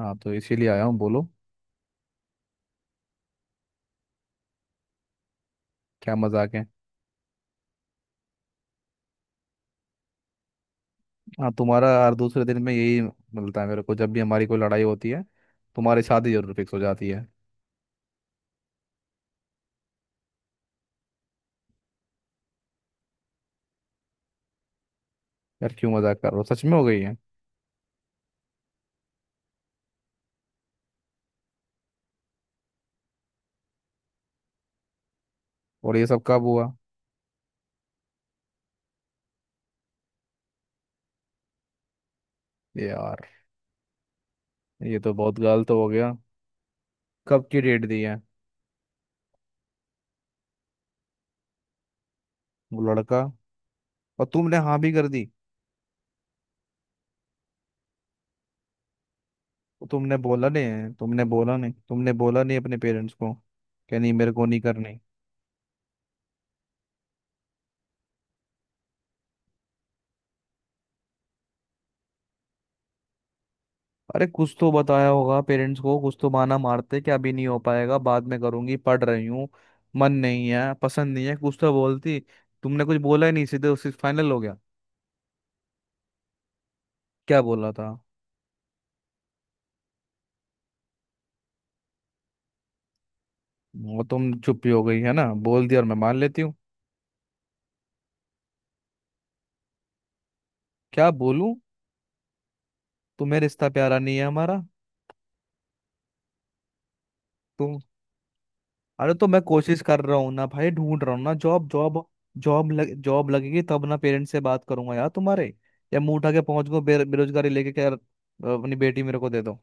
हाँ, तो इसीलिए आया हूँ बोलो। क्या मजाक है। हाँ, तुम्हारा हर दूसरे दिन में यही मिलता है मेरे को। जब भी हमारी कोई लड़ाई होती है तुम्हारी शादी जरूर फिक्स हो जाती है। यार क्यों मजाक कर रहे हो, सच में हो गई है? और ये सब कब हुआ? ये यार, ये तो बहुत गलत हो गया। कब की डेट दी है? वो लड़का, और तुमने हाँ भी कर दी? तो तुमने बोला नहीं, तुमने बोला नहीं, तुमने बोला नहीं अपने पेरेंट्स को क्या नहीं, मेरे को नहीं करनी? अरे कुछ तो बताया होगा पेरेंट्स को, कुछ तो बहाना मारते कि अभी नहीं हो पाएगा, बाद में करूंगी, पढ़ रही हूँ, मन नहीं है, पसंद नहीं है, कुछ तो बोलती। तुमने कुछ बोला ही नहीं, सीधे उससे फाइनल हो गया। क्या बोला था? वो तुम चुप ही हो गई है ना, बोल दिया और मैं मान लेती हूँ। क्या बोलूं। तुम्हें रिश्ता प्यारा नहीं है हमारा। तुम, अरे तो मैं कोशिश कर रहा हूँ ना भाई, ढूंढ रहा हूँ ना जॉब। जॉब, जॉब लग जॉब लगेगी तब ना पेरेंट्स से बात करूंगा यार तुम्हारे। या मुंह उठा के पहुंच गो बेरोजगारी लेके, क्या अपनी बेटी मेरे को दे दो?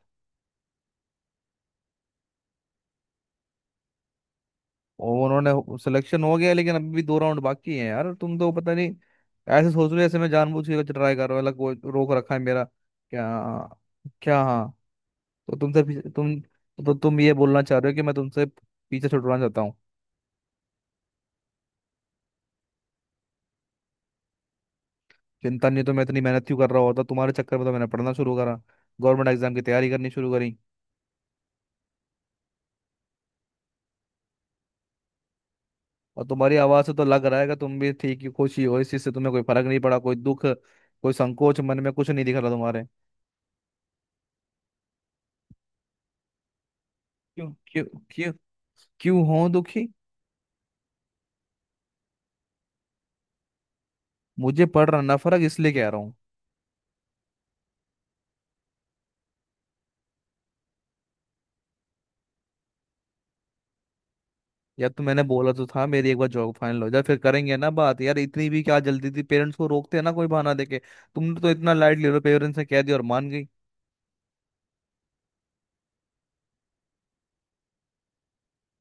और उन्होंने सिलेक्शन हो गया, लेकिन अभी भी 2 राउंड बाकी हैं यार। तुम तो पता नहीं ऐसे सोच रहे हो जैसे मैं जानबूझ के कुछ ट्राई कर रहा हूँ अलग, वो रोक रखा है मेरा। क्या? क्या हाँ? तो तुमसे पीछे- तुम तो तुम ये बोलना चाह रहे हो कि मैं तुमसे पीछे छुड़वाना चाहता हूँ? चिंता नहीं तो मैं इतनी मेहनत क्यों कर रहा होता, तुम्हारे चक्कर में तो मैंने पढ़ना शुरू करा, गवर्नमेंट एग्जाम की तैयारी करनी शुरू करी। और तुम्हारी आवाज़ से तो लग रहा है कि तुम भी ठीक ही, खुश ही हो इस चीज़ से, तुम्हें कोई फर्क नहीं पड़ा, कोई दुख, कोई संकोच, मन में कुछ नहीं दिख रहा तुम्हारे। क्यों क्यों, क्यों, क्यों हो दुखी? मुझे पड़ रहा ना फर्क, इसलिए कह रहा हूँ। यार तो मैंने बोला तो था, मेरी एक बार जॉब फाइनल हो जाए फिर करेंगे ना बात यार, इतनी भी क्या जल्दी थी, पेरेंट्स को रोकते हैं ना कोई बहाना देके। तुमने तो इतना लाइट ले लो, पेरेंट्स ने कह दिया और मान गई।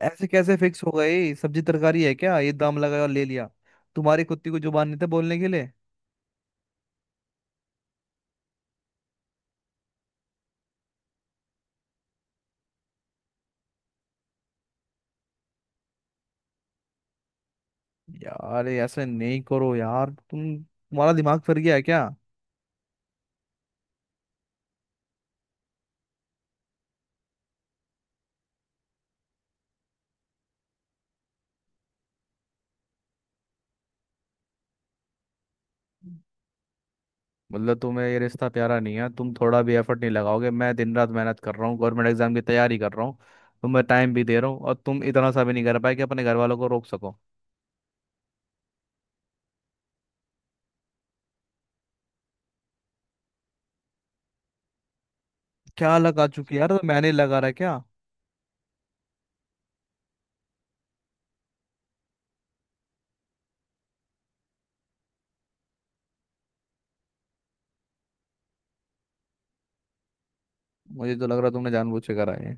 ऐसे कैसे फिक्स हो गए, सब्जी तरकारी है क्या ये, दाम लगाया और ले लिया? तुम्हारी कुत्ती को जुबान नहीं था बोलने के लिए? यार ये ऐसे नहीं करो यार, तुम्हारा दिमाग फिर गया है क्या? मतलब तुम्हें ये रिश्ता प्यारा नहीं है, तुम थोड़ा भी एफर्ट नहीं लगाओगे। मैं दिन रात मेहनत कर रहा हूँ, गवर्नमेंट एग्जाम की तैयारी कर रहा हूँ, तुम्हें टाइम भी दे रहा हूँ, और तुम इतना सा भी नहीं कर पाए कि अपने घर वालों को रोक सको? क्या लगा चुकी है यार, तो मैंने लगा रहा है क्या? मुझे तो लग रहा है तुमने जानबूझ के करा है।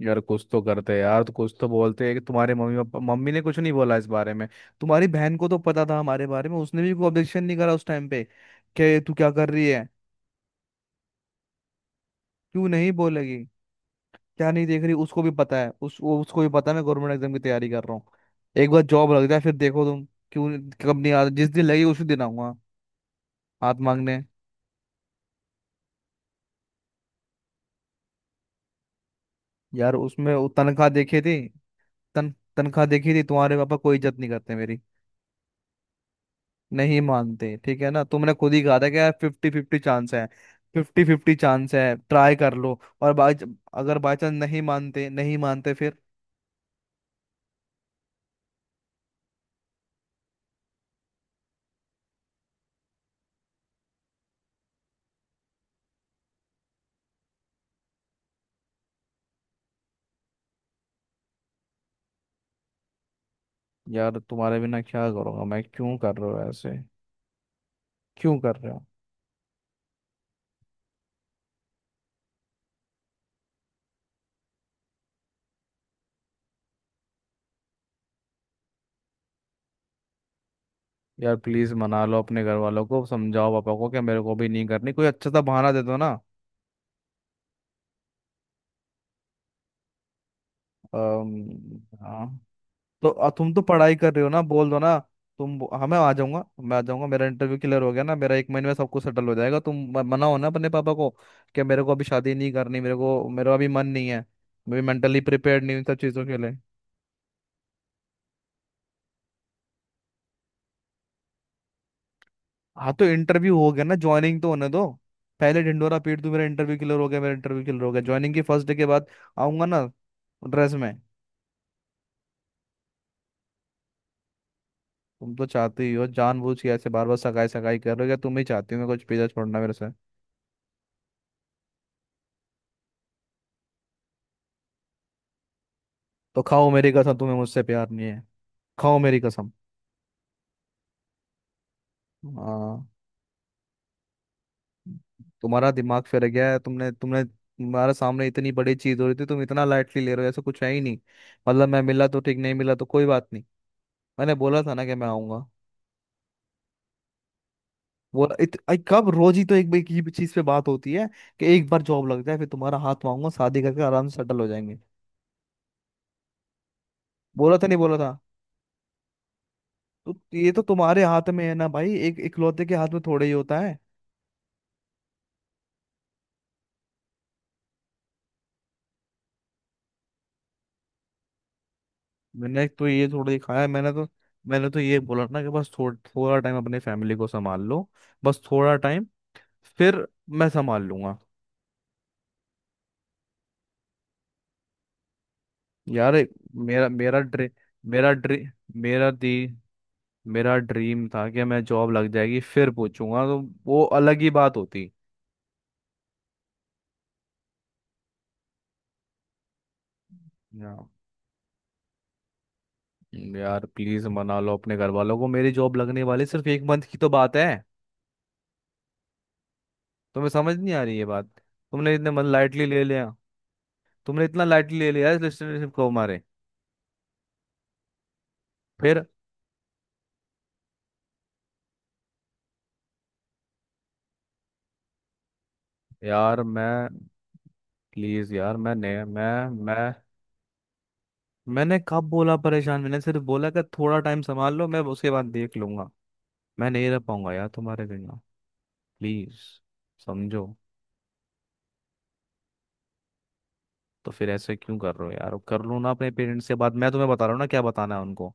यार कुछ तो करते हैं यार, तो कुछ तो बोलते हैं, कि तुम्हारे मम्मी पापा, मम्मी ने कुछ नहीं बोला इस बारे में? तुम्हारी बहन को तो पता था हमारे बारे में, उसने भी कोई ऑब्जेक्शन नहीं करा उस टाइम पे, कि तू क्या कर रही है? क्यों नहीं बोलेगी? क्या नहीं देख रही, उसको भी पता है, उस वो उसको भी पता है मैं गवर्नमेंट एग्जाम की तैयारी कर रहा हूँ। एक बार जॉब लग जाए, फिर देखो तुम। क्यों? कब? नहीं आ जिस दिन लगी उसी दिन आऊंगा हाथ मांगने। यार उसमें वो तनख्वाह देखी थी। तन तनख्वाह देखी थी, तुम्हारे पापा कोई इज्जत नहीं करते मेरी। नहीं मानते, ठीक है ना, तुमने खुद ही कहा था कि यार 50-50 चांस है। 50-50 चांस है, ट्राई कर लो और बाय। अगर बाई चांस नहीं मानते, नहीं मानते फिर? यार तुम्हारे बिना क्या करूंगा मैं, क्यों कर रहे हो ऐसे, क्यों कर रहे हो? यार प्लीज मना लो अपने घर वालों को, समझाओ पापा को कि मेरे को भी नहीं करनी, कोई अच्छा सा बहाना दे दो ना। अम, हाँ, तो तुम तो पढ़ाई कर रहे हो ना, बोल दो ना। तुम, हाँ, मैं आ जाऊंगा, मैं आ जाऊंगा। मेरा इंटरव्यू क्लियर हो गया ना, मेरा 1 महीने में सब कुछ सेटल हो जाएगा। तुम मनाओ ना अपने पापा को, कि मेरे को अभी शादी नहीं करनी, मेरे को मेरा अभी मन नहीं है, मैं मेंटली प्रिपेयर्ड नहीं हूँ इन सब चीज़ों के लिए। हाँ, तो इंटरव्यू हो गया ना, ज्वाइनिंग तो होने दो, पहले ढिंडोरा पीट दूं मेरा इंटरव्यू क्लियर हो गया, मेरा इंटरव्यू क्लियर हो गया। ज्वाइनिंग की फर्स्ट डे के बाद आऊंगा ना, ड्रेस में। तुम तो चाहते ही हो जानबूझ के, ऐसे बार बार सगाई सगाई कर रहे हो, क्या तुम ही चाहती हो मैं कुछ पीछा छोड़ना मेरे से? तो खाओ मेरी कसम, तुम्हें मुझसे प्यार नहीं है। खाओ मेरी कसम। हाँ। तुम्हारा दिमाग फिर गया है, तुमने तुमने तुम्हारे सामने इतनी बड़ी चीज हो रही थी, तुम इतना लाइटली ले रहे हो, ऐसा कुछ है ही नहीं? मतलब मैं मिला तो ठीक, नहीं मिला तो कोई बात नहीं? मैंने बोला था ना कि मैं आऊंगा। बोला कब, रोज ही तो एक एक ही चीज पे बात होती है, कि एक बार जॉब लग जाए फिर तुम्हारा हाथ मांगूंगा, शादी करके आराम से सेटल हो जाएंगे। बोला था नहीं बोला था? तो ये तो तुम्हारे हाथ में है ना भाई, एक इकलौते के हाथ में थोड़े ही होता है। मैंने तो ये थोड़ा ही खाया। मैंने तो ये बोला ना कि बस थोड़ा टाइम अपने फैमिली को संभाल लो। बस थोड़ा टाइम, फिर मैं संभाल लूंगा। यार एक- मेरा मेरा ड्री मेरा ड्री मेरा दी मेरा ड्रीम था कि मैं जॉब लग जाएगी फिर पूछूंगा, तो वो अलग ही बात होती। या- यार प्लीज मना लो अपने घर वालों को, मेरी जॉब लगने वाली, सिर्फ 1 मंथ की तो बात है, तुम्हें समझ नहीं आ रही ये बात? तुमने इतने मन लाइटली ले लिया, तुमने इतना लाइटली ले लिया इस रिलेशनशिप को हमारे। फिर, यार मैं प्लीज यार, मैंने कब बोला परेशान? मैंने सिर्फ बोला कि थोड़ा टाइम संभाल लो, मैं उसके बाद देख लूंगा। मैं नहीं रह पाऊंगा यार तुम्हारे बिना, प्लीज समझो। तो फिर ऐसे क्यों कर रहे हो यार, कर लो ना अपने पेरेंट्स के बाद, मैं तुम्हें बता रहा हूँ ना क्या बताना है उनको।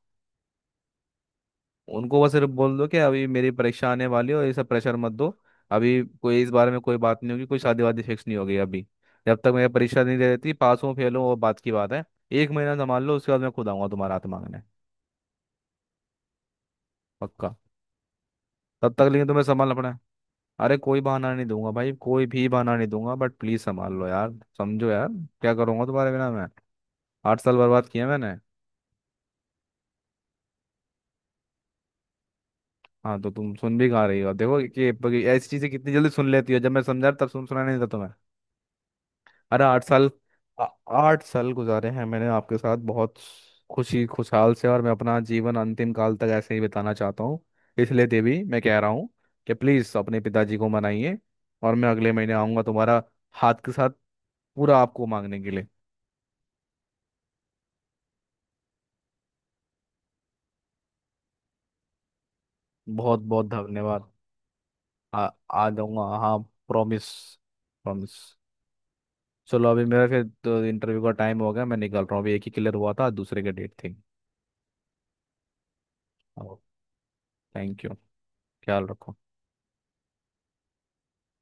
उनको बस सिर्फ बोल दो कि अभी मेरी परीक्षा आने वाली है, और ये सब प्रेशर मत दो, अभी कोई इस बारे में कोई बात नहीं होगी, कोई शादी वादी फिक्स नहीं होगी अभी, जब तक मेरी परीक्षा नहीं दे देती। पास हूँ, फेल हूँ, वो बात की बात है। 1 महीना संभाल लो, उसके बाद मैं खुद आऊंगा तुम्हारा हाथ मांगने। पक्का। तब तक लेकिन तुम्हें संभालना पड़ा है। अरे कोई बहाना नहीं दूंगा भाई, कोई भी बहाना नहीं दूंगा, बट प्लीज संभाल लो यार, समझो यार, क्या करूंगा तुम्हारे बिना मैं, 8 साल बर्बाद किए मैंने। हाँ तो तुम सुन भी कहाँ रही हो, देखो कि ऐसी चीजें कितनी जल्दी सुन लेती हो, जब मैं समझा तब सुन सुना नहीं था तुम्हें। अरे 8 साल, आ- 8 साल गुजारे हैं मैंने आपके साथ बहुत खुशी खुशहाल से, और मैं अपना जीवन अंतिम काल तक ऐसे ही बिताना चाहता हूँ। इसलिए देवी, मैं कह रहा हूँ कि प्लीज़ अपने पिताजी को मनाइए, और मैं अगले महीने आऊँगा तुम्हारा हाथ के साथ पूरा आपको मांगने के लिए। बहुत बहुत धन्यवाद। आ आ जाऊँगा, हाँ। Promise, promise. चलो, अभी मेरा फिर तो इंटरव्यू का टाइम हो गया, मैं निकल रहा हूँ अभी, एक ही क्लियर हुआ था, दूसरे का डेट थी। Thank you. ख्याल रखो।